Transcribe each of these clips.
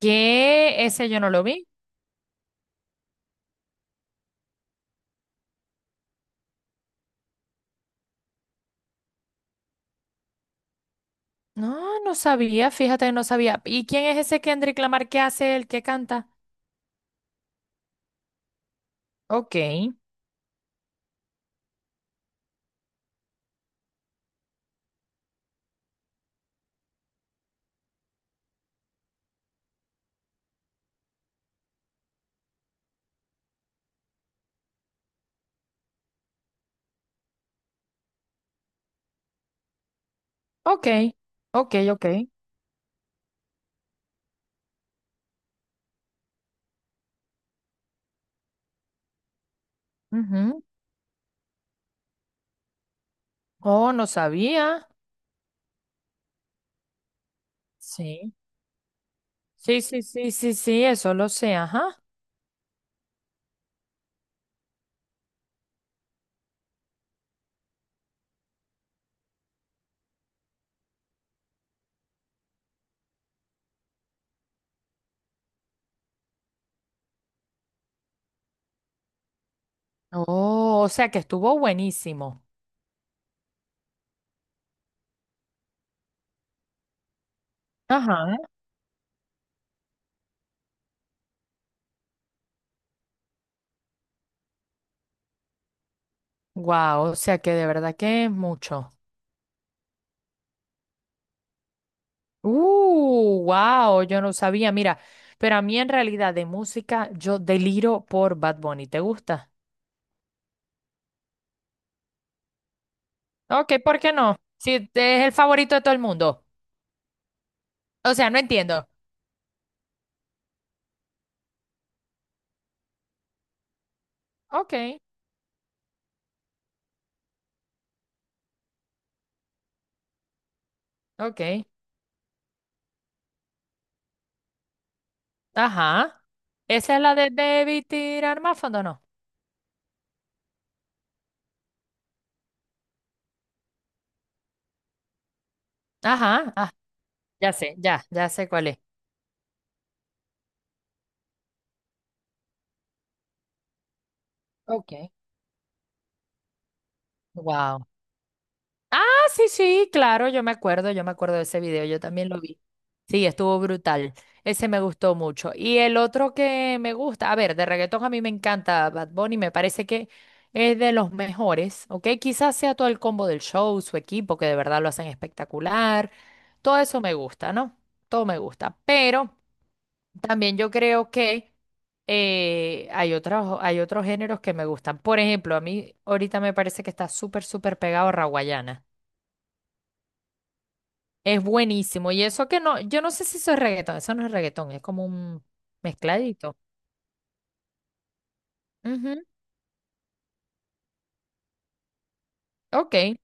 ¿Qué? Ese yo no lo vi. No, no sabía, fíjate, no sabía. ¿Y quién es ese Kendrick Lamar? ¿Qué hace el que canta? Ok, ok, ok, ok. Ujú. Oh, no sabía. Sí, sí, sí, sí, sí, sí, eso lo sé, ajá. Oh, o sea que estuvo buenísimo. Ajá. Wow, o sea que de verdad que es mucho. Wow, yo no sabía, mira, pero a mí en realidad de música yo deliro por Bad Bunny, ¿te gusta? Ok, ¿por qué no? Si te- Es el favorito de todo el mundo. O sea, no entiendo. Ok, ok. Ajá. Esa es la de debí tirar más fondo, ¿no? Ajá. Ah, ya sé, ya sé cuál es. Ok. Wow. Ah, sí, sí, claro, yo me acuerdo de ese video, yo también lo vi. Sí, estuvo brutal. Ese me gustó mucho. Y el otro que me gusta, a ver, de reggaetón a mí me encanta Bad Bunny, me parece que es de los mejores, ¿ok? Quizás sea todo el combo del show, su equipo, que de verdad lo hacen espectacular. Todo eso me gusta, ¿no? Todo me gusta. Pero también yo creo que hay otros géneros que me gustan. Por ejemplo, a mí ahorita me parece que está súper, súper pegado a es buenísimo. Y eso que no, yo no sé si eso es reggaetón, eso no es reggaetón, es como un mezcladito. Ujú, ok.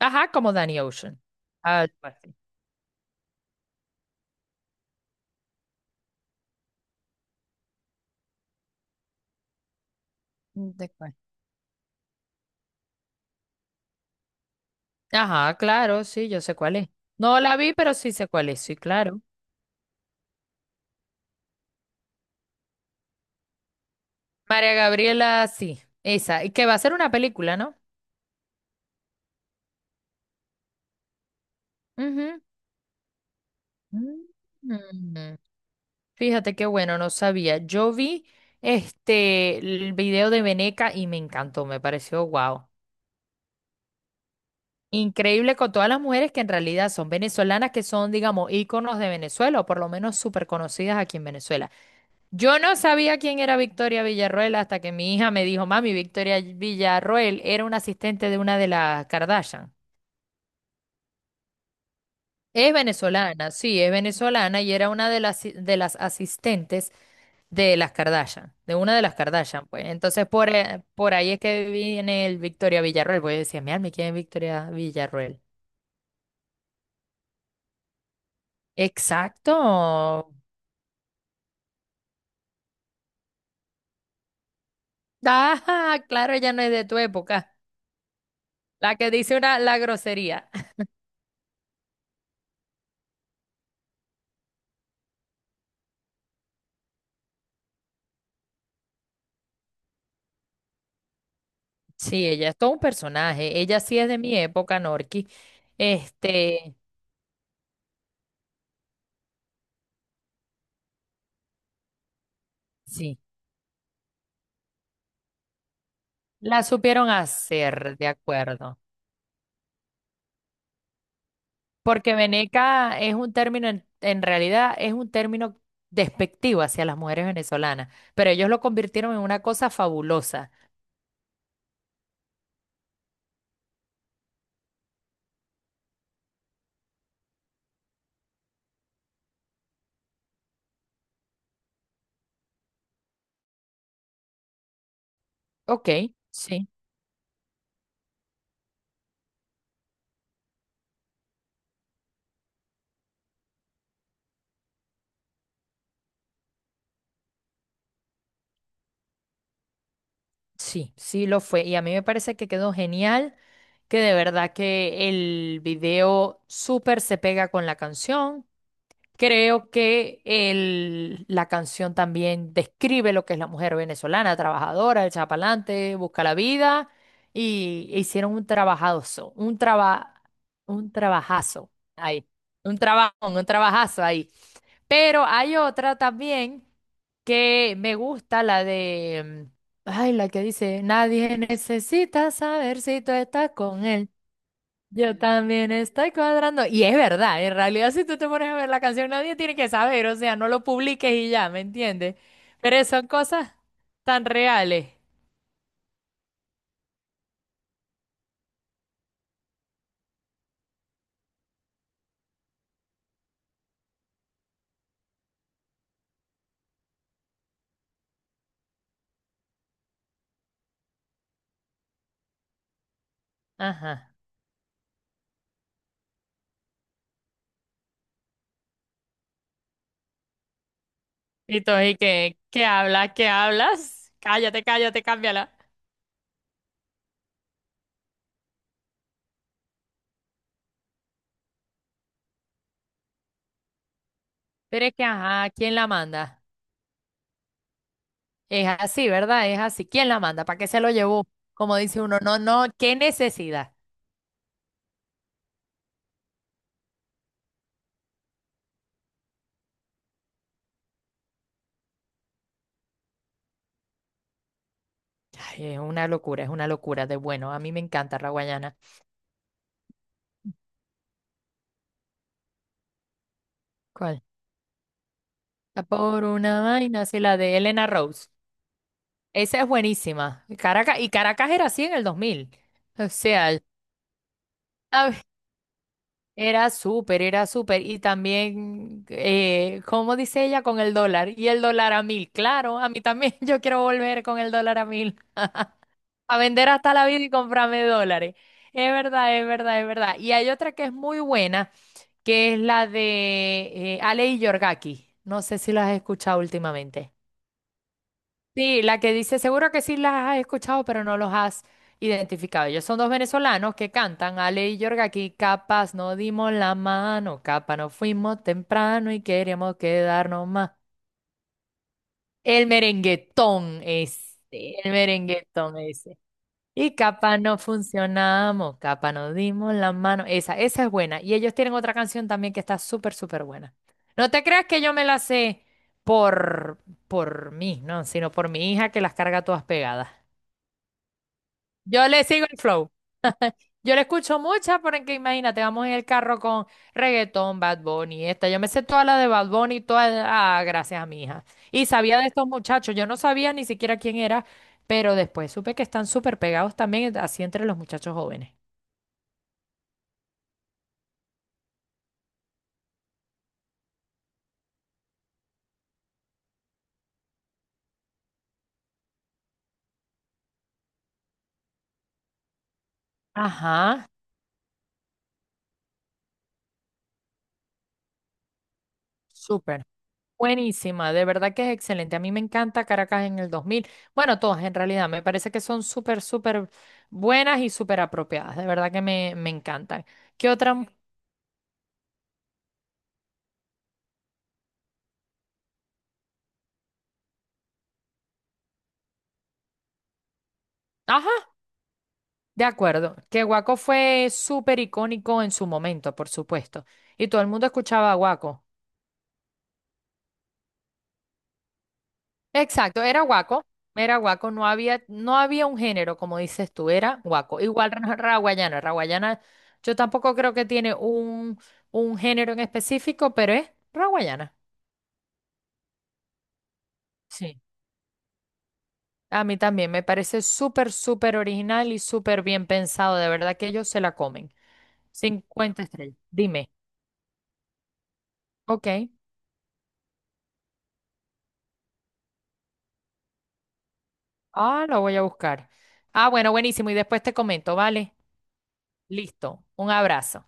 Ajá, como Danny Ocean. Ah, pues sí. ¿De cuál? Ajá, claro, sí, yo sé cuál es. No la vi, pero sí sé cuál es, sí, claro. María Gabriela, sí, esa. Y que va a ser una película, ¿no? Ujú. Mm. Fíjate qué bueno, no sabía. Yo vi este el video de Veneca y me encantó, me pareció guau. Increíble con todas las mujeres que en realidad son venezolanas, que son, digamos, íconos de Venezuela o por lo menos súper conocidas aquí en Venezuela. Yo no sabía quién era Victoria Villarroel hasta que mi hija me dijo, mami, Victoria Villarroel era una asistente de una de las Kardashian. Es venezolana, sí, es venezolana y era una de las, si, de las asistentes de las Kardashian, de una de las Kardashian, pues. Entonces, por ahí es que viene el Victoria Villarroel, pues yo decía, mi alma, ¿quién es Victoria Villarroel? Exacto. Ah, claro, ella no es de tu época. La que dice una, la grosería. Sí, ella es todo un personaje. Ella sí es de mi época, Norki. Este, sí, la supieron hacer, de acuerdo. Porque veneca es un término, en realidad es un término despectivo hacia las mujeres venezolanas, pero ellos lo convirtieron en una cosa fabulosa. Ok, sí. Sí, sí lo fue. Y a mí me parece que quedó genial, que de verdad que el video súper se pega con la canción. Creo que la canción también describe lo que es la mujer venezolana, trabajadora, el chapalante, busca la vida. Y hicieron un trabajazo, un trabajazo ahí. Un trabajo, un trabajazo ahí. Pero hay otra también que me gusta, la de, ay, la que dice, nadie necesita saber si tú estás con él. Yo también estoy cuadrando. Y es verdad, en realidad si tú te pones a ver la canción, nadie tiene que saber, o sea, no lo publiques y ya, ¿me entiendes? Pero son cosas tan reales. Ajá. Y tú, ¿y qué? ¿Qué hablas? ¿Qué hablas? Cállate, cállate, cámbiala. Pero es que, ajá, ¿quién la manda? Es así, ¿verdad? Es así. ¿Quién la manda? ¿Para qué se lo llevó? Como dice uno, no, no, qué necesidad. Ay, es una locura de bueno. A mí me encanta Raguayana. ¿Cuál? La Por una vaina, sí, la de Elena Rose. Esa es buenísima. Caracas, y Caracas era así en el 2000. O sea, ay, era súper, era súper. Y también, ¿cómo dice ella? Con el dólar. Y el dólar a mil. Claro, a mí también yo quiero volver con el dólar a mil. A vender hasta la vida y comprarme dólares. Es verdad, es verdad, es verdad. Y hay otra que es muy buena, que es la de Ale y Yorgaki. No sé si las has escuchado últimamente. Sí, la que dice, seguro que sí las has escuchado, pero no los has identificado. Ellos son dos venezolanos que cantan, Ale y Yorgaki, capaz no dimos la mano, capaz no fuimos temprano y queríamos quedarnos más. El merenguetón es, el merenguetón es. Y capa no funcionamos, capa no dimos la mano. Esa es buena. Y ellos tienen otra canción también que está súper, súper buena. No te creas que yo me la sé por, por mí, no, sino por mi hija que las carga todas pegadas. Yo le sigo el flow. Yo le escucho muchas porque imagínate, vamos en el carro con reggaetón, Bad Bunny, esta. Yo me sé toda la de Bad Bunny, toda, ah, gracias a mi hija. Y sabía de estos muchachos, yo no sabía ni siquiera quién era, pero después supe que están súper pegados también así entre los muchachos jóvenes. Ajá, súper. Buenísima, de verdad que es excelente. A mí me encanta Caracas en el 2000. Bueno, todas en realidad, me parece que son súper, súper buenas y súper apropiadas. De verdad que me encantan. ¿Qué otra? Mu- Ajá, de acuerdo. Que Guaco fue súper icónico en su momento, por supuesto. Y todo el mundo escuchaba a Guaco. Exacto, era guaco, no había, no había un género, como dices tú, era guaco. Igual raguayana, raguayana, yo tampoco creo que tiene un género en específico, pero es raguayana. Sí. A mí también me parece súper, súper original y súper bien pensado, de verdad que ellos se la comen. 50 estrellas. Dime. Ok. Ah, lo voy a buscar. Ah, bueno, buenísimo. Y después te comento, ¿vale? Listo. Un abrazo.